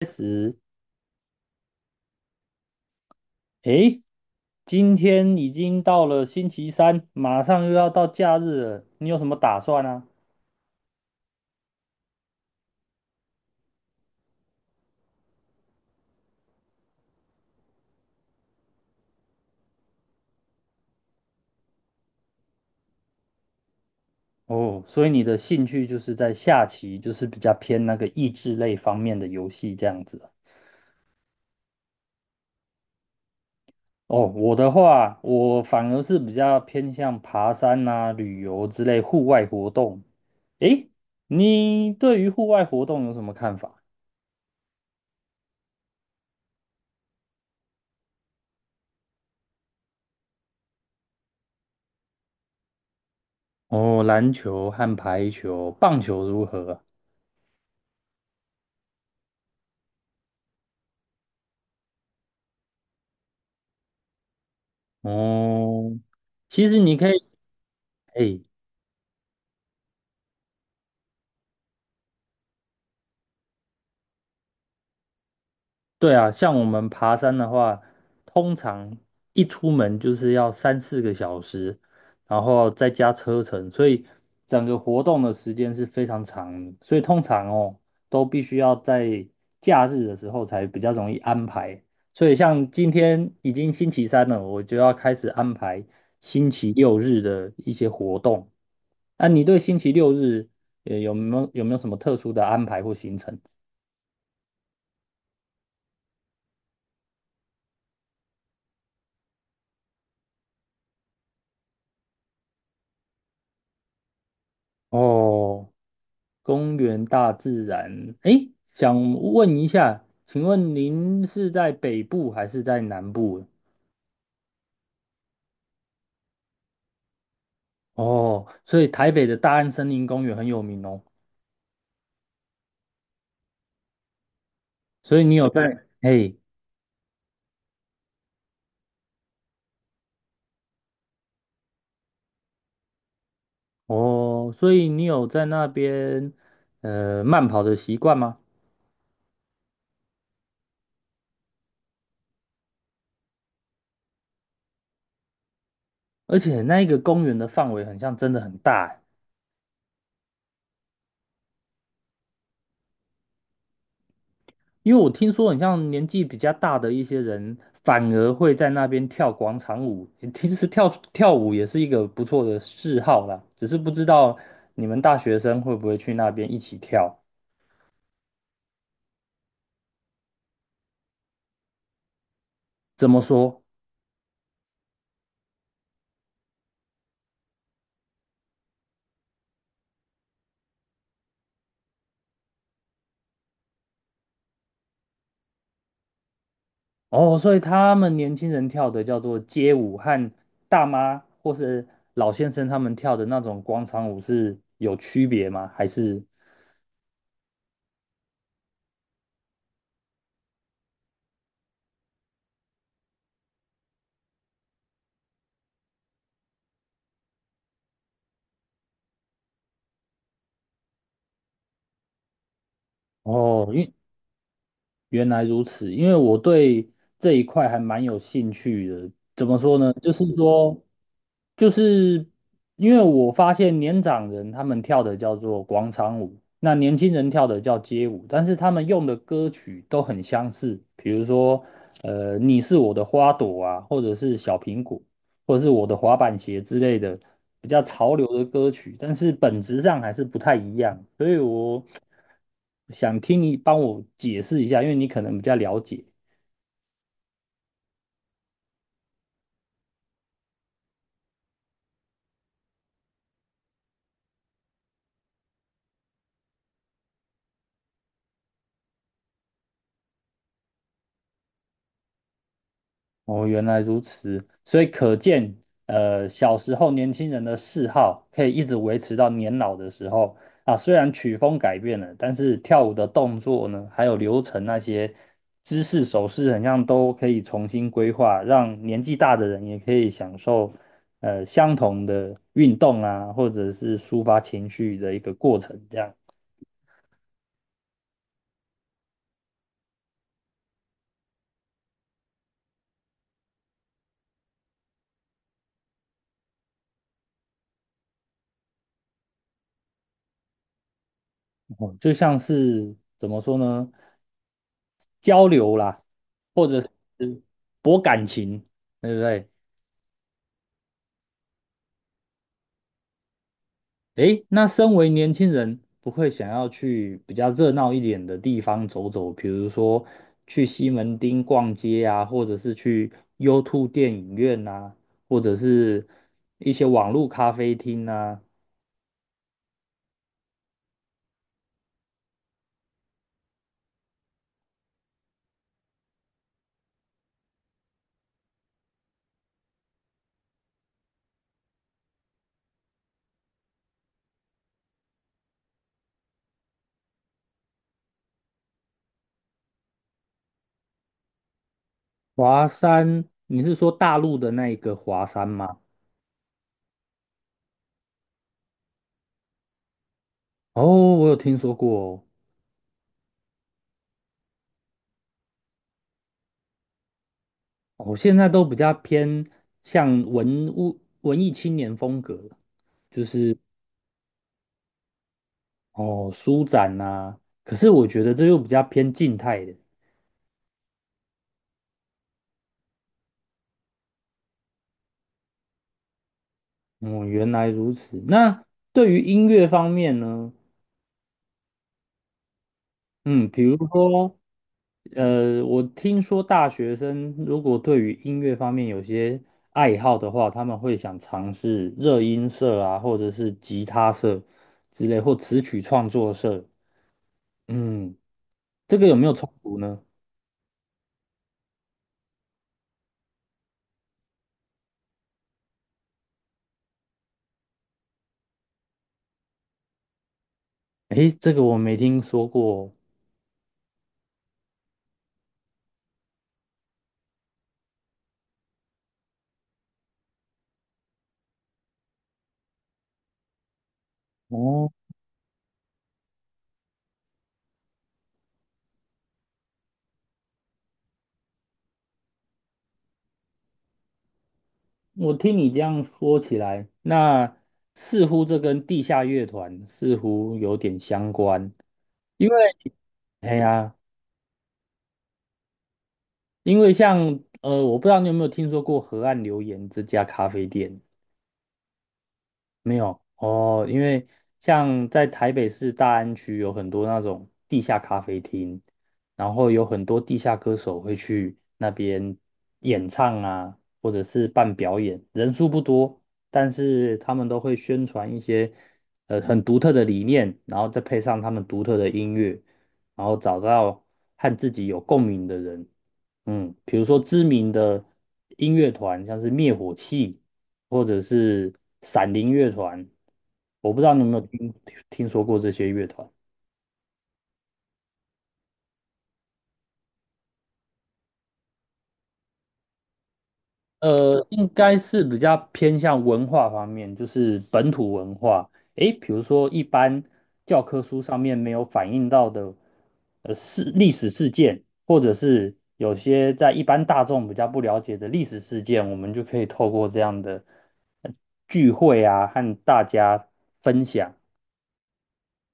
开始诶，今天已经到了星期三，马上又要到假日了，你有什么打算啊？哦，所以你的兴趣就是在下棋，就是比较偏那个益智类方面的游戏这样子啊。哦，我的话，我反而是比较偏向爬山啊、旅游之类户外活动。诶，你对于户外活动有什么看法？哦，篮球和排球、棒球如何啊？哦，其实你可以。哎，对啊，像我们爬山的话，通常一出门就是要三四个小时，然后再加车程，所以整个活动的时间是非常长的，所以通常哦，都必须要在假日的时候才比较容易安排。所以像今天已经星期三了，我就要开始安排星期六日的一些活动。那你对星期六日有没有什么特殊的安排或行程？哦。公园大自然。诶，想问一下，请问您是在北部还是在南部？哦，所以台北的大安森林公园很有名哦。所以你有在，嘿，哦，所以你有在那边慢跑的习惯吗？而且那一个公园的范围很像真的很大欸，因为我听说，很像年纪比较大的一些人，反而会在那边跳广场舞。其实跳跳舞也是一个不错的嗜好啦，只是不知道你们大学生会不会去那边一起跳。怎么说？哦，所以他们年轻人跳的叫做街舞，和大妈或是老先生他们跳的那种广场舞是有区别吗？还是哦，原来如此，因为我对这一块还蛮有兴趣的。怎么说呢？就是说，就是因为我发现年长人他们跳的叫做广场舞，那年轻人跳的叫街舞，但是他们用的歌曲都很相似，比如说，你是我的花朵啊，或者是小苹果。或者是我的滑板鞋之类的比较潮流的歌曲，但是本质上还是不太一样，所以我想听你帮我解释一下，因为你可能比较了解。哦，原来如此，所以可见，小时候年轻人的嗜好可以一直维持到年老的时候啊。虽然曲风改变了，但是跳舞的动作呢，还有流程那些姿势、手势，很像都可以重新规划，让年纪大的人也可以享受相同的运动啊，或者是抒发情绪的一个过程。这样，哦，就像是怎么说呢，交流啦。或者是博感情，对不对？诶，那身为年轻人，不会想要去比较热闹一点的地方走走，比如说去西门町逛街啊，或者是去 U2 电影院啊，或者是一些网络咖啡厅啊。华山，你是说大陆的那一个华山吗？哦，我有听说过哦。我现在都比较偏向文物文艺青年风格，就是。哦，舒展呐、可是我觉得这又比较偏静态的。哦，原来如此。那对于音乐方面呢？嗯，比如说，我听说大学生如果对于音乐方面有些爱好的话，他们会想尝试热音社啊，或者是吉他社之类，或词曲创作社。嗯，这个有没有冲突呢？诶，这个我没听说过。哦。我听你这样说起来，那似乎这跟地下乐团似乎有点相关，因为哎呀，因为像我不知道你有没有听说过河岸留言这家咖啡店。没有哦，因为像在台北市大安区有很多那种地下咖啡厅，然后有很多地下歌手会去那边演唱啊，或者是办表演，人数不多，但是他们都会宣传一些很独特的理念，然后再配上他们独特的音乐，然后找到和自己有共鸣的人，嗯，比如说知名的音乐团，像是灭火器。或者是闪灵乐团，我不知道你有没有听说过这些乐团。应该是比较偏向文化方面，就是本土文化。诶，比如说一般教科书上面没有反映到的，历史事件，或者是有些在一般大众比较不了解的历史事件，我们就可以透过这样的呃聚会啊，和大家分享。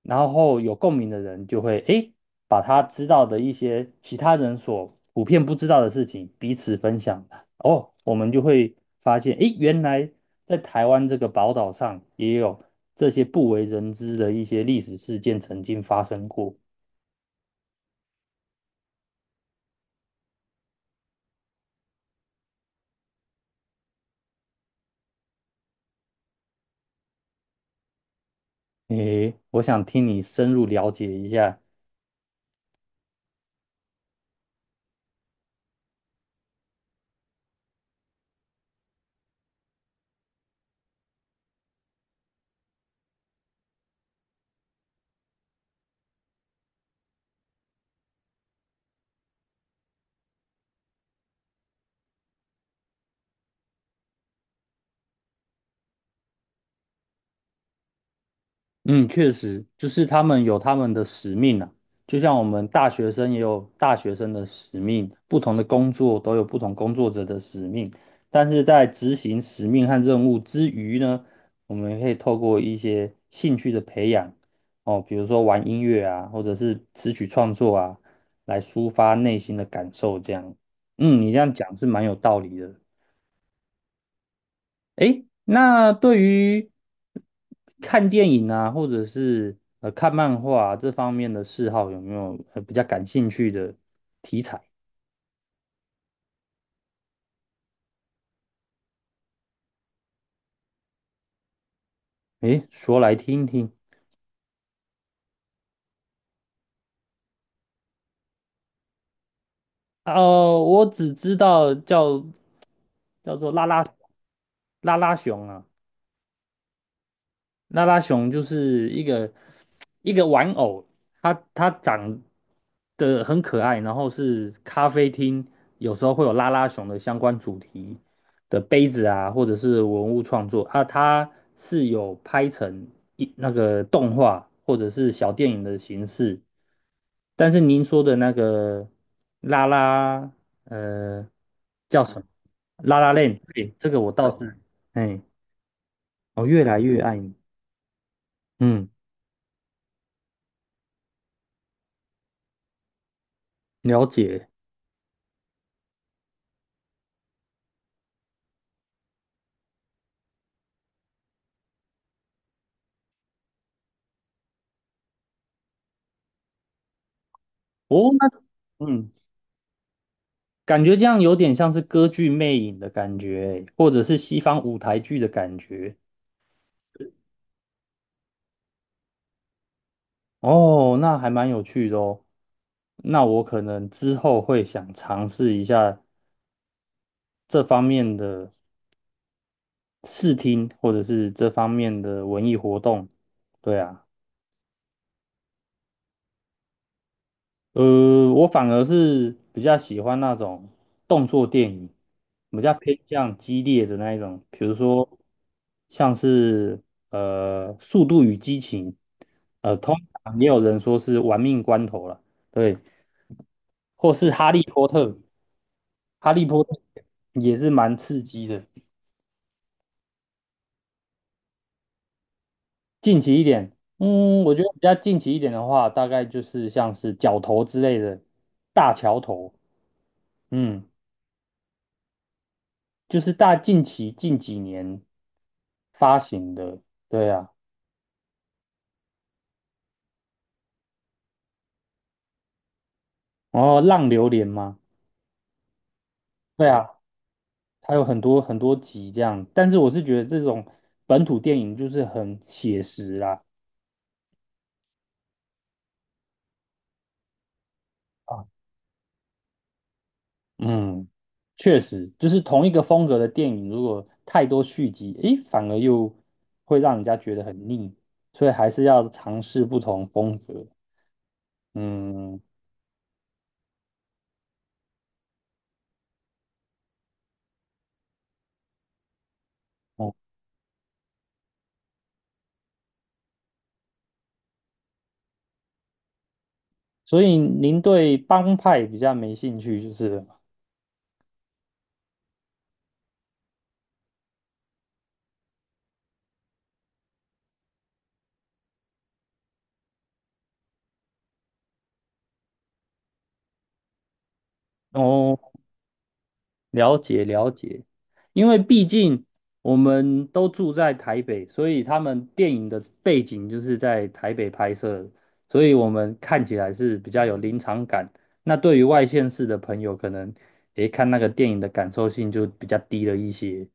然后有共鸣的人就会诶，把他知道的一些其他人所普遍不知道的事情彼此分享。哦，我们就会发现诶，原来在台湾这个宝岛上也有这些不为人知的一些历史事件曾经发生过。诶，我想听你深入了解一下。嗯，确实，就是他们有他们的使命啊，就像我们大学生也有大学生的使命，不同的工作都有不同工作者的使命。但是在执行使命和任务之余呢，我们可以透过一些兴趣的培养，哦，比如说玩音乐啊，或者是词曲创作啊，来抒发内心的感受。这样，嗯，你这样讲是蛮有道理的。诶，那对于看电影啊，或者是看漫画啊这方面的嗜好，有没有比较感兴趣的题材？诶，说来听听。哦，我只知道叫做拉拉，拉拉熊啊。拉拉熊就是一个玩偶，它长得很可爱，然后是咖啡厅有时候会有拉拉熊的相关主题的杯子啊，或者是文物创作啊，它是有拍成一那个动画或者是小电影的形式。但是您说的那个拉拉，呃，叫什么？拉拉链，对，这个我倒是，哎，我越来越爱你，嗯。了解。哦，那嗯，感觉这样有点像是歌剧魅影的感觉欸或者是西方舞台剧的感觉。哦，那还蛮有趣的哦。那我可能之后会想尝试一下这方面的视听，或者是这方面的文艺活动。对啊。我反而是比较喜欢那种动作电影，比较偏向激烈的那一种，比如说像是《速度与激情》，通常也有人说是《玩命关头》了，对，或是《哈利波特》，《哈利波特》也是蛮刺激的。近期一点，嗯，我觉得比较近期一点的话，大概就是像是角头之类的大桥头，嗯。就是近期近几年发行的，对啊，然后浪流连嘛，对啊，它有很多很多集这样，但是我是觉得这种本土电影就是很写实啦，啊，嗯，确实，就是同一个风格的电影，如果太多续集，诶，反而又会让人家觉得很腻，所以还是要尝试不同风格，嗯，哦，所以您对帮派比较没兴趣，就是了。哦。了解了解，因为毕竟我们都住在台北，所以他们电影的背景就是在台北拍摄的，所以我们看起来是比较有临场感。那对于外县市的朋友，可能诶看那个电影的感受性就比较低了一些。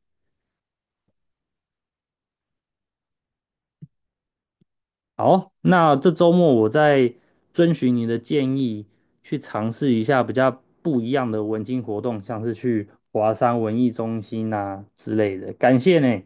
好，那这周末我再遵循你的建议，去尝试一下比较不一样的文青活动，像是去华山文艺中心啊之类的。感谢呢。